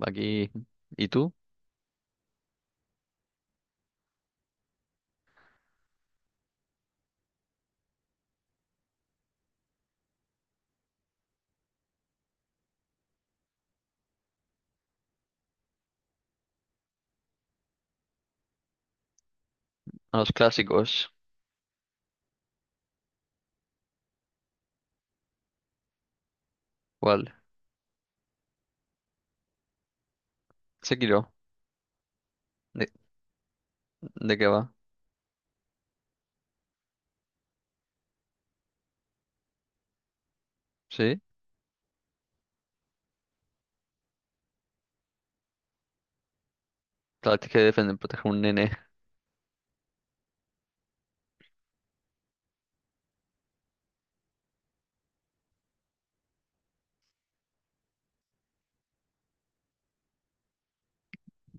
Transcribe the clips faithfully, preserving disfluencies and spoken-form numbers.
Aquí. ¿Y tú? A los clásicos. ¿Cuál? Sekiro. ¿De, de qué va? ¿Sí? Claro, tienes que defender, proteger a un nene.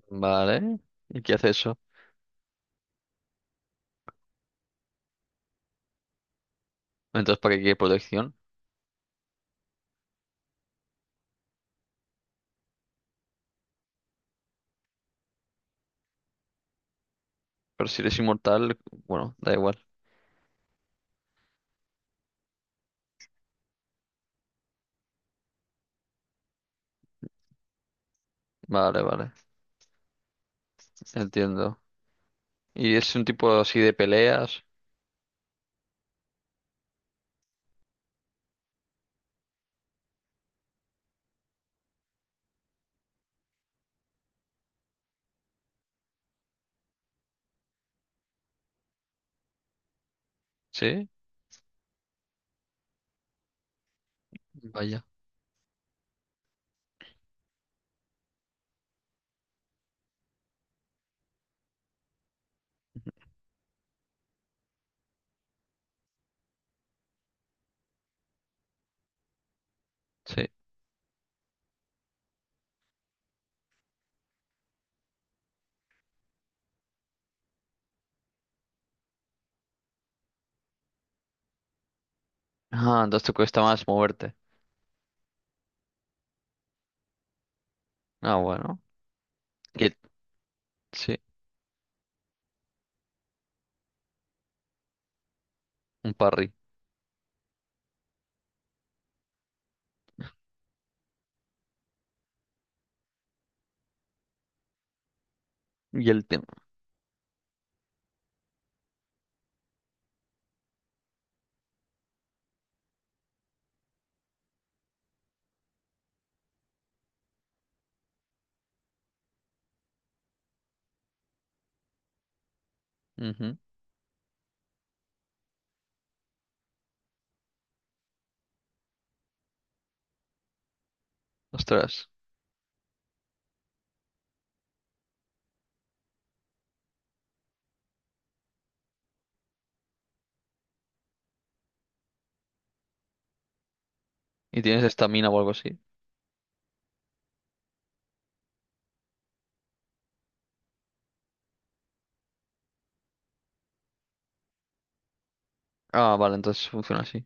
Vale. ¿Y qué hace eso? Entonces, ¿para qué quiere protección? Pero si eres inmortal, bueno, da igual. Vale, vale. Entiendo. ¿Y es un tipo así de peleas? ¿Sí? Vaya. Sí. Ah, entonces te cuesta más moverte. Ah, bueno. Y el- Sí, un parry. Y el tema. Ujú. Ostras. ¿Y tienes estamina o algo así? Ah, vale, entonces funciona así.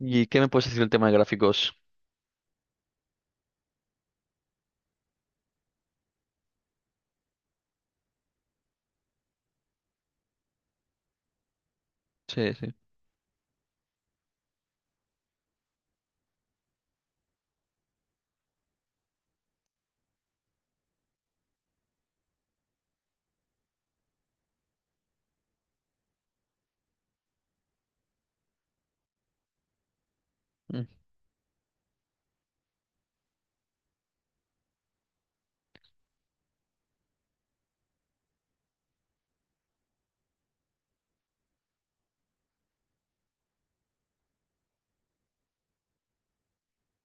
¿Y qué me puedes decir del tema de gráficos? Sí, sí. Mm.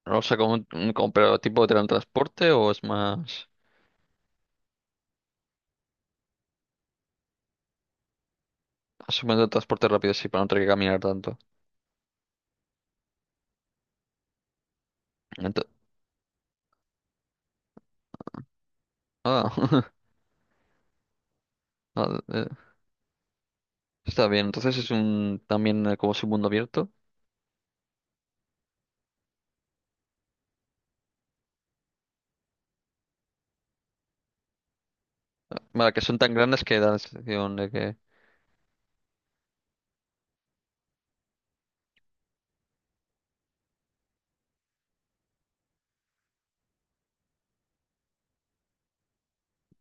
O sea, como, un- como- pero tipo de transporte o es más asumiendo transporte rápido, sí, para no tener que caminar tanto. Ento- ah, ah, eh, está bien. Entonces es un también eh, como su mundo abierto. Vale, que son tan grandes que da la sensación de que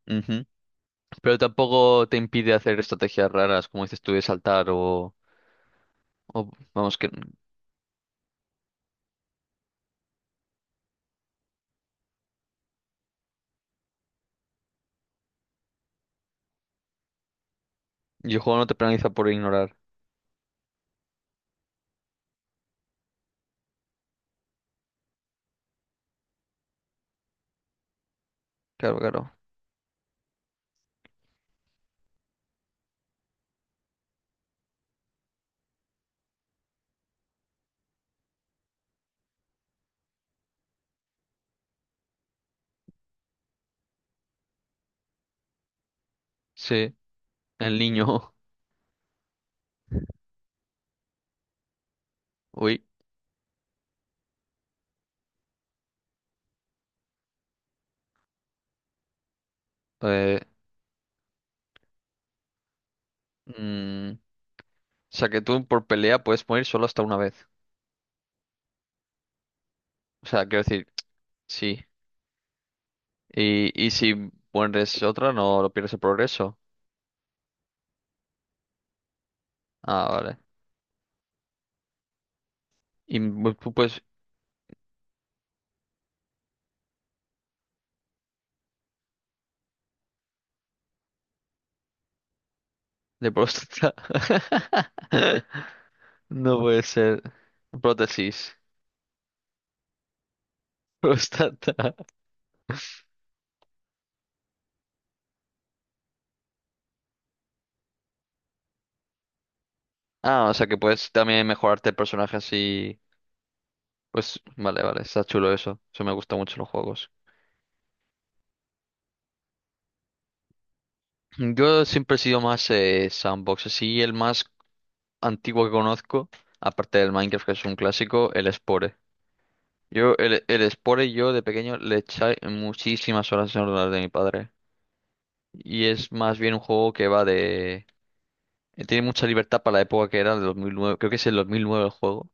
Ujú. Pero tampoco te impide hacer estrategias raras, como dices tú, de saltar o, o- vamos que y el juego no te penaliza por ignorar. Claro, claro. Sí, el niño. Uy. Eh, O sea, que tú por pelea puedes morir solo hasta una vez. O sea, quiero decir, sí. Y, y si mueres otra, no lo pierdes el progreso. Ah, vale. Y mu- tú puedes... De próstata. No puede ser. Prótesis. Próstata. Ah, o sea que puedes también mejorarte el personaje así. Pues vale, vale, está chulo eso. Eso me gusta mucho en los juegos. Yo siempre he sido más eh, sandbox. Así el más antiguo que conozco, aparte del Minecraft, que es un clásico, el Spore. Yo, el, el Spore, yo de pequeño le eché muchísimas horas en el ordenador de mi padre. Y es más bien un juego que va de... eh, Tiene mucha libertad para la época que era, el dos mil nueve, creo que es el dos mil nueve el juego.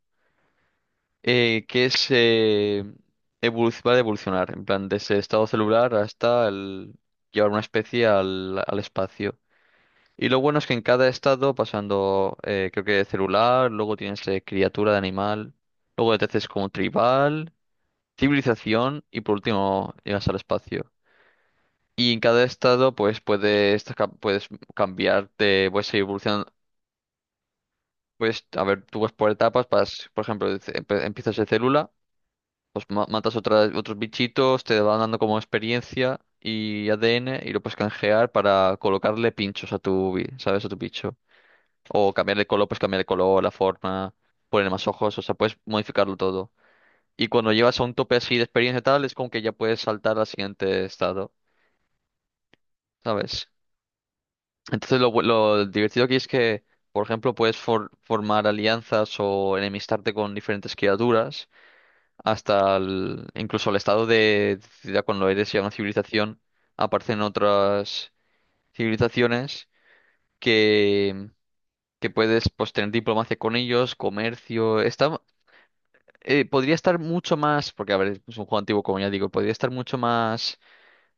eh, que es... eh, evoluc- Va de evolucionar, en plan, desde estado celular hasta el, llevar una especie al, al espacio. Y lo bueno es que en cada estado, pasando, eh, creo que celular, luego tienes eh, criatura de animal, luego te haces como tribal, civilización y por último llegas al espacio. Y en cada estado pues puedes, ca- puedes cambiarte, puedes ir evolucionando. Pues a ver, tú vas por etapas, vas, por ejemplo, de ce- empe- empiezas de célula, pues ma- matas otras, otros bichitos, te van dando como experiencia y A D N y lo puedes canjear para colocarle pinchos a tu, bi- ¿sabes? A tu bicho. O cambiarle color, pues cambiarle color, la forma, poner más ojos, o sea, puedes modificarlo todo. Y cuando llevas a un tope así de experiencia y tal, es como que ya puedes saltar al siguiente estado. ¿Sabes? Entonces lo, bu- lo divertido aquí es que, por ejemplo, puedes for- formar alianzas o enemistarte con diferentes criaturas, hasta el- incluso el estado de ciudad cuando eres ya una civilización, aparecen otras civilizaciones que, que puedes pues tener diplomacia con ellos, comercio, está... eh, Podría estar mucho más, porque a ver, es un juego antiguo, como ya digo, podría estar mucho más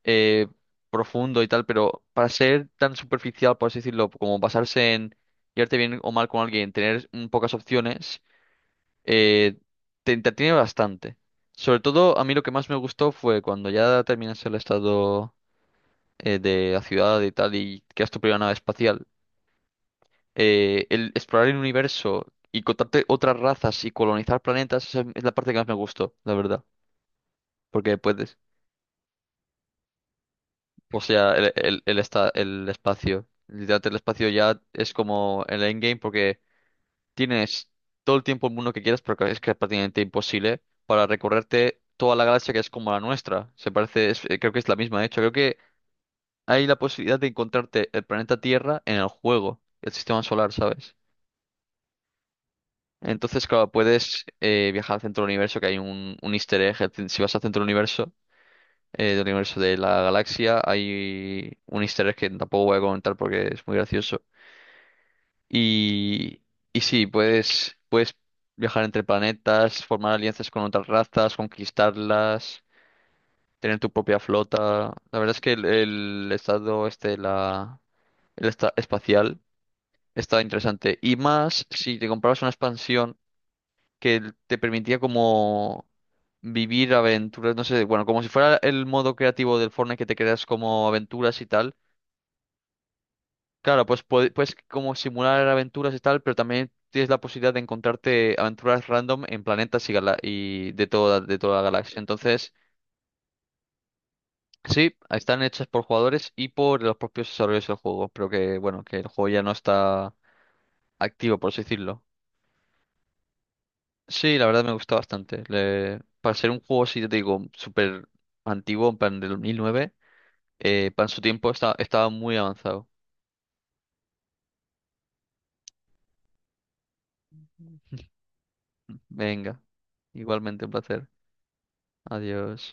eh, profundo y tal, pero para ser tan superficial, por así decirlo, como basarse en llevarte bien o mal con alguien, tener mm, pocas opciones, eh, te entretiene bastante. Sobre todo, a mí lo que más me gustó fue cuando ya terminas el estado eh, de la ciudad y tal y creas tu primera nave espacial, eh, el explorar el universo y contarte otras razas y colonizar planetas, esa es la parte que más me gustó, la verdad, porque puedes. O sea, el, el, el, esta- el espacio. Literalmente el espacio ya es como el endgame porque tienes todo el tiempo el mundo que quieras, pero es que es prácticamente imposible para recorrerte toda la galaxia, que es como la nuestra. Se parece, es- eh, creo que es la misma, de hecho. Creo que hay la posibilidad de encontrarte el planeta Tierra en el juego, el sistema solar, ¿sabes? Entonces, claro, puedes eh, viajar al centro del universo, que hay un, un easter egg. el- Si vas al centro del universo, eh, del universo de la galaxia, hay un easter egg que tampoco voy a comentar porque es muy gracioso. Y, y sí, puedes, puedes viajar entre planetas, formar alianzas con otras razas, conquistarlas, tener tu propia flota. La verdad es que el, el estado este, de la, el esta- espacial, está interesante. Y más si te comprabas una expansión que te permitía como vivir aventuras, no sé, bueno, como si fuera el modo creativo del Fortnite, que te creas como aventuras y tal. Claro, pues pue- puedes como simular aventuras y tal, pero también tienes la posibilidad de encontrarte aventuras random en planetas y, gala- y de toda, de toda la galaxia. Entonces, sí, están hechas por jugadores y por los propios desarrolladores del juego, pero que bueno, que el juego ya no está activo, por así decirlo. Sí, la verdad me gusta bastante. Le- Para ser un juego, sí, te digo, súper antiguo, en plan del dos mil nueve, eh, para su tiempo está- estaba muy avanzado. Venga, igualmente un placer. Adiós.